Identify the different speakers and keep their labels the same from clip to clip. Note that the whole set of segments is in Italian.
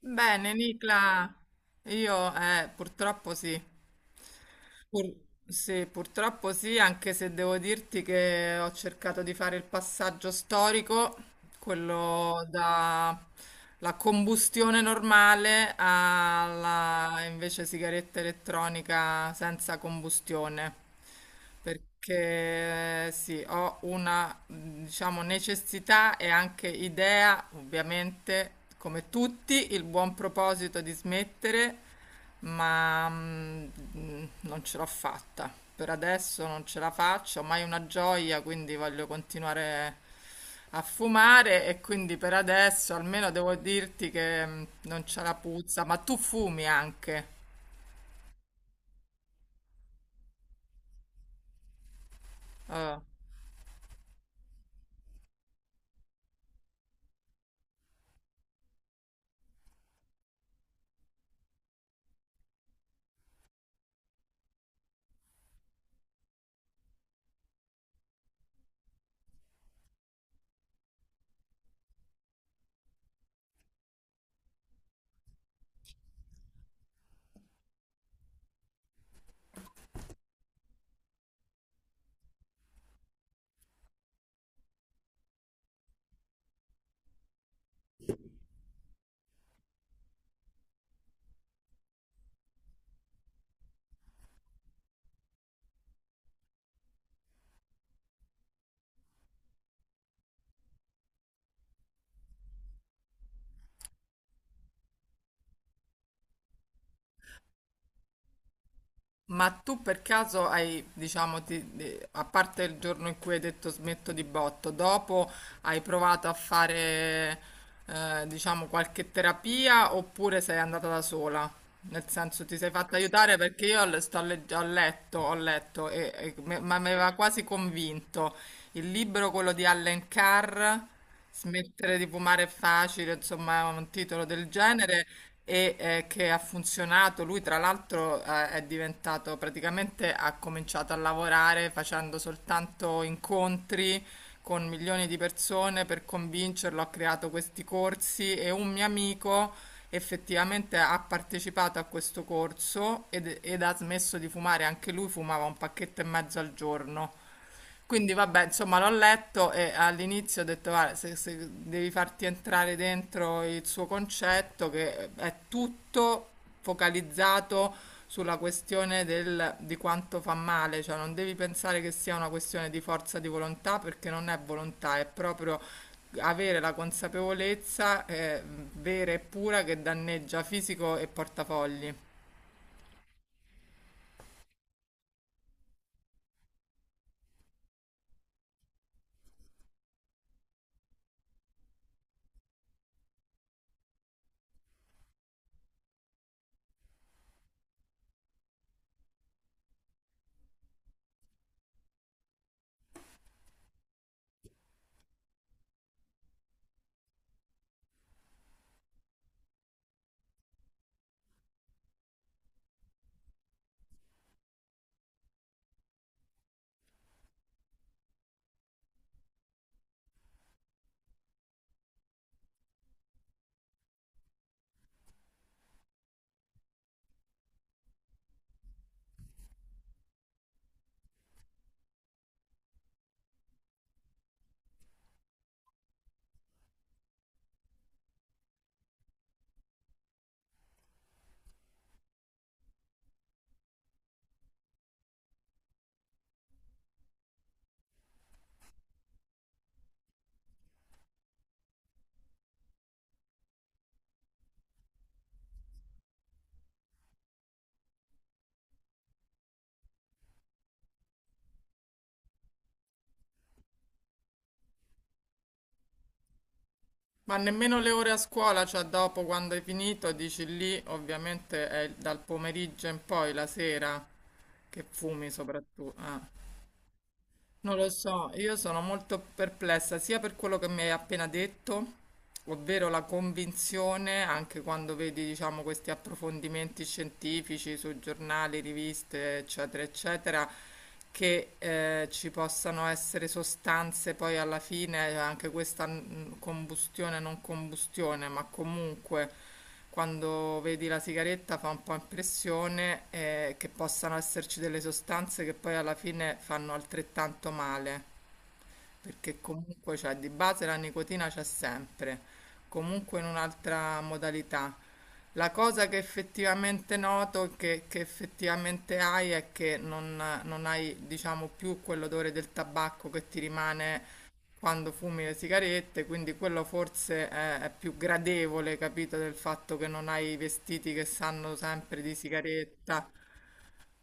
Speaker 1: Bene, Nicla, io purtroppo sì. Pur- sì, purtroppo sì, anche se devo dirti che ho cercato di fare il passaggio storico quello da la combustione normale alla invece sigaretta elettronica senza combustione. Perché sì, ho una, diciamo, necessità e anche idea, ovviamente, come tutti, il buon proposito di smettere, ma non ce l'ho fatta. Per adesso non ce la faccio, mai una gioia, quindi voglio continuare a fumare e quindi per adesso almeno devo dirti che non c'è la puzza, ma tu fumi anche. Eh. Ma tu per caso hai, diciamo, a parte il giorno in cui hai detto smetto di botto, dopo hai provato a fare, diciamo, qualche terapia oppure sei andata da sola? Nel senso ti sei fatta aiutare perché io ho letto, ma mi aveva quasi convinto il libro, quello di Allen Carr. Smettere di fumare è facile, insomma, è un titolo del genere che ha funzionato. Lui, tra l'altro, è diventato praticamente ha cominciato a lavorare facendo soltanto incontri con milioni di persone per convincerlo. Ha creato questi corsi e un mio amico effettivamente ha partecipato a questo corso ed ha smesso di fumare. Anche lui fumava un pacchetto e mezzo al giorno. Quindi vabbè, insomma, l'ho letto e all'inizio ho detto, "Guarda, se, se devi farti entrare dentro il suo concetto, che è tutto focalizzato sulla questione di quanto fa male, cioè non devi pensare che sia una questione di forza di volontà, perché non è volontà, è proprio avere la consapevolezza vera e pura che danneggia fisico e portafogli. Ma nemmeno le ore a scuola, cioè dopo quando hai finito, dici lì, ovviamente è dal pomeriggio in poi, la sera, che fumi soprattutto. Ah. Non lo so, io sono molto perplessa sia per quello che mi hai appena detto, ovvero la convinzione, anche quando vedi, diciamo, questi approfondimenti scientifici su giornali, riviste, eccetera, eccetera, che ci possano essere sostanze poi alla fine, anche questa combustione, non combustione, ma comunque quando vedi la sigaretta fa un po' impressione che possano esserci delle sostanze che poi alla fine fanno altrettanto male perché comunque c'è di base la nicotina c'è sempre, comunque in un'altra modalità. La cosa che effettivamente noto, che effettivamente hai, è che non hai, diciamo, più quell'odore del tabacco che ti rimane quando fumi le sigarette, quindi quello forse è più gradevole, capito, del fatto che non hai i vestiti che sanno sempre di sigaretta.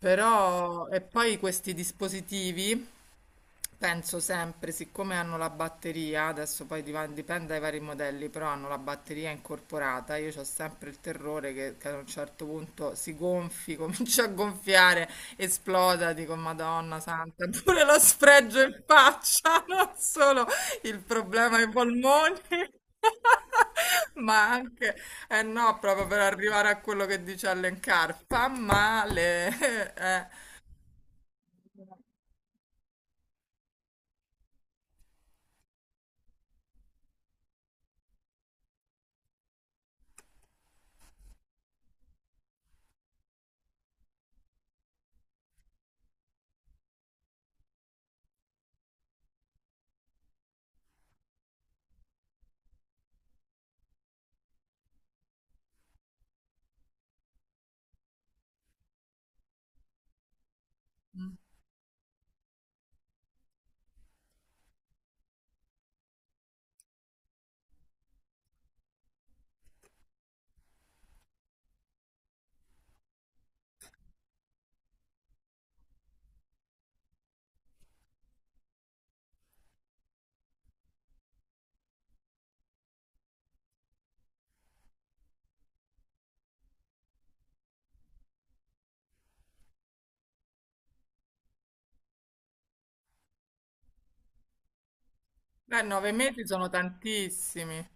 Speaker 1: Però, e poi questi dispositivi. Penso sempre, siccome hanno la batteria, adesso poi dipende dai vari modelli, però hanno la batteria incorporata, io ho sempre il terrore che a un certo punto si gonfi, comincia a gonfiare, esploda, dico Madonna Santa, pure lo sfregio in faccia, non solo il problema ai polmoni. Ma anche, eh no, proprio per arrivare a quello che dice Allen Carr, fa male. Nove mesi sono tantissimi.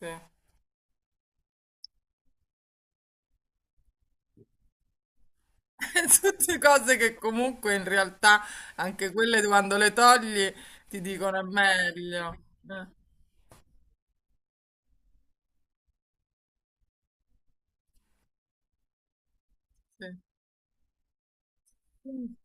Speaker 1: Sì. Tutte cose che comunque in realtà anche quelle quando le togli ti dicono è meglio. Eh, sì.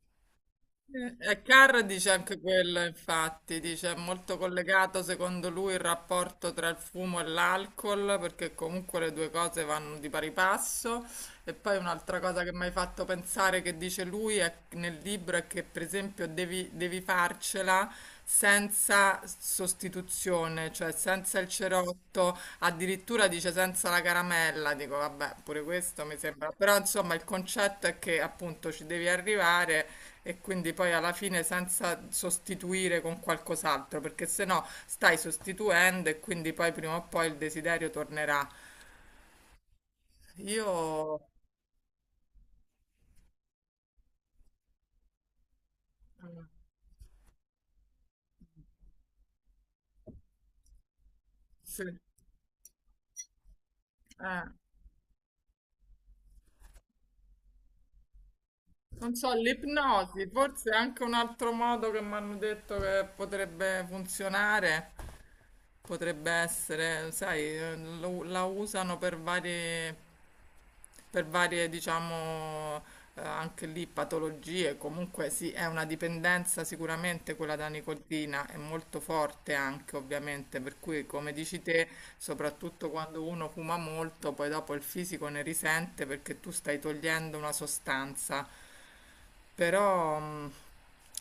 Speaker 1: E Carr dice anche quello, infatti, dice è molto collegato secondo lui il rapporto tra il fumo e l'alcol, perché comunque le due cose vanno di pari passo. E poi un'altra cosa che mi hai fatto pensare che dice lui nel libro è che per esempio devi farcela senza sostituzione, cioè senza il cerotto, addirittura dice senza la caramella, dico vabbè, pure questo mi sembra, però insomma il concetto è che appunto ci devi arrivare e quindi poi alla fine senza sostituire con qualcos'altro, perché se no stai sostituendo e quindi poi prima o poi il desiderio tornerà. Io... Mm, sì. Eh. Non so, l'ipnosi, forse è anche un altro modo che mi hanno detto che potrebbe funzionare, potrebbe essere, sai, la usano per varie, diciamo, anche lì patologie, comunque sì, è una dipendenza sicuramente quella da nicotina, è molto forte anche rapidamente, per cui come dici te, soprattutto quando uno fuma molto, poi dopo il fisico ne risente perché tu stai togliendo una sostanza. Però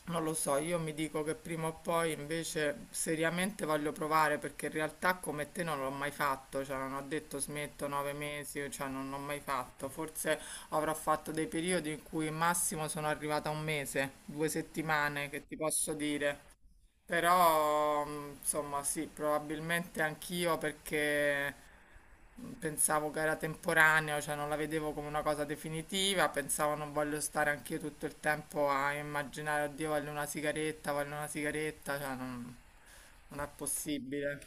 Speaker 1: non lo so, io mi dico che prima o poi invece seriamente voglio provare perché in realtà come te non l'ho mai fatto, cioè non ho detto smetto nove mesi, cioè non l'ho mai fatto. Forse avrò fatto dei periodi in cui massimo sono arrivata a un mese, due settimane, che ti posso dire. Però, insomma, sì, probabilmente anch'io perché pensavo che era temporaneo, cioè non la vedevo come una cosa definitiva, pensavo non voglio stare anch'io tutto il tempo a immaginare, oddio, voglio una sigaretta, cioè non, non è possibile.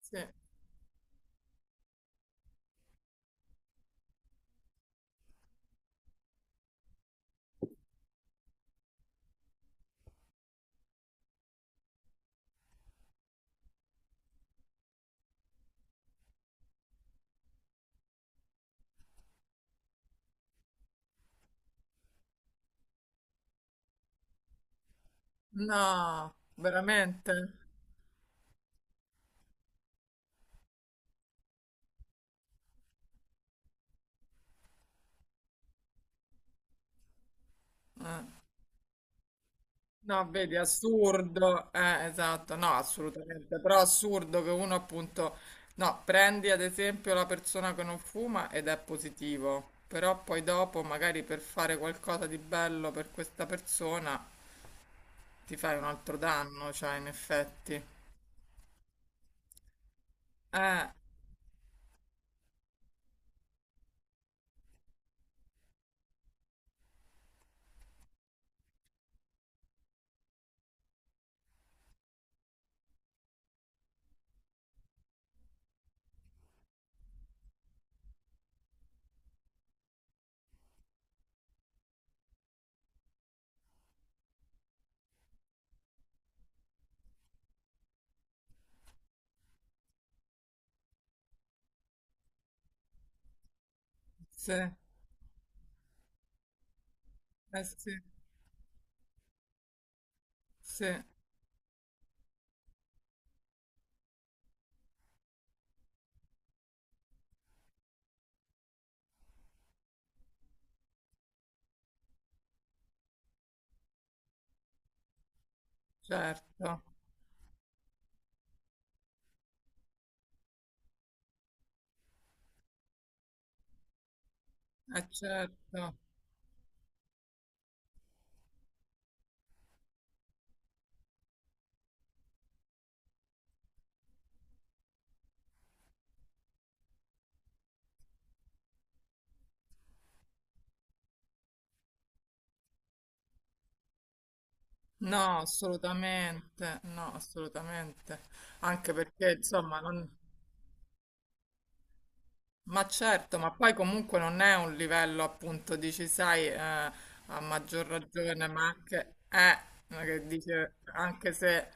Speaker 1: Sì. No, veramente? Eh. No, vedi, assurdo, esatto, no, assolutamente, però assurdo che uno appunto, no, prendi ad esempio la persona che non fuma ed è positivo, però poi dopo magari per fare qualcosa di bello per questa persona ti fai un altro danno, cioè in effetti. Eh, sì, eh sì, sì, certo, eh certo. No, assolutamente, no, assolutamente. Anche perché, insomma, non... Ma certo, ma poi comunque non è un livello appunto, dici, sai, a maggior ragione, ma anche, ma che dice, anche se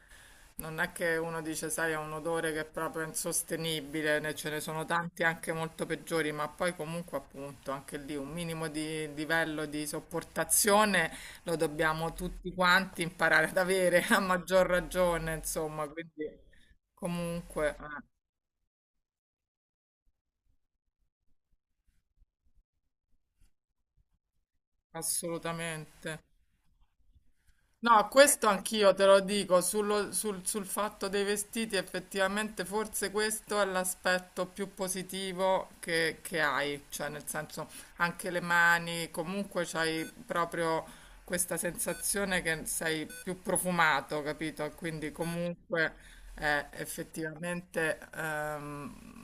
Speaker 1: non è che uno dice, sai, ha un odore che è proprio insostenibile, ce ne sono tanti anche molto peggiori, ma poi comunque appunto anche lì un minimo di livello di sopportazione lo dobbiamo tutti quanti imparare ad avere, a maggior ragione, insomma, quindi comunque, assolutamente. No, questo anch'io te lo dico, sul fatto dei vestiti effettivamente forse questo è l'aspetto più positivo che hai, cioè nel senso anche le mani, comunque c'hai proprio questa sensazione che sei più profumato, capito? Quindi comunque è effettivamente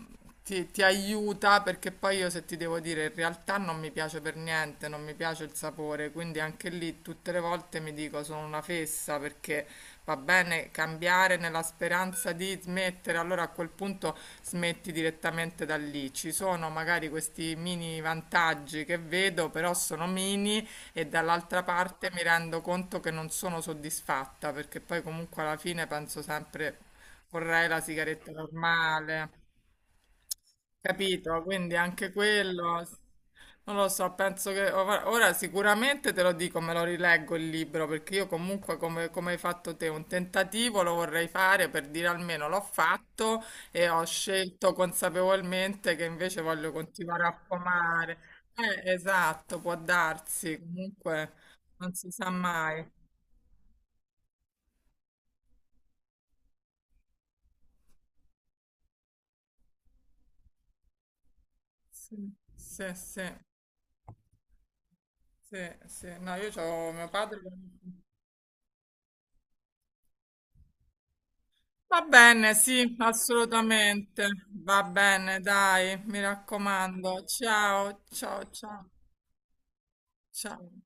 Speaker 1: ti aiuta perché poi io se ti devo dire in realtà non mi piace per niente, non mi piace il sapore, quindi anche lì tutte le volte mi dico sono una fessa perché va bene cambiare nella speranza di smettere, allora a quel punto smetti direttamente da lì. Ci sono magari questi mini vantaggi che vedo, però sono mini e dall'altra parte mi rendo conto che non sono soddisfatta perché poi comunque alla fine penso sempre vorrei la sigaretta normale. Capito, quindi anche quello, non lo so, penso che ora sicuramente te lo dico, me lo rileggo il libro, perché io comunque come, come hai fatto te, un tentativo lo vorrei fare per dire almeno l'ho fatto e ho scelto consapevolmente che invece voglio continuare a fumare. Esatto, può darsi, comunque non si sa mai. Sì, sì, sì, sì, sì. No, io ho mio padre. Che va bene, sì, assolutamente. Va bene, dai, mi raccomando. Ciao, ciao, ciao, ciao.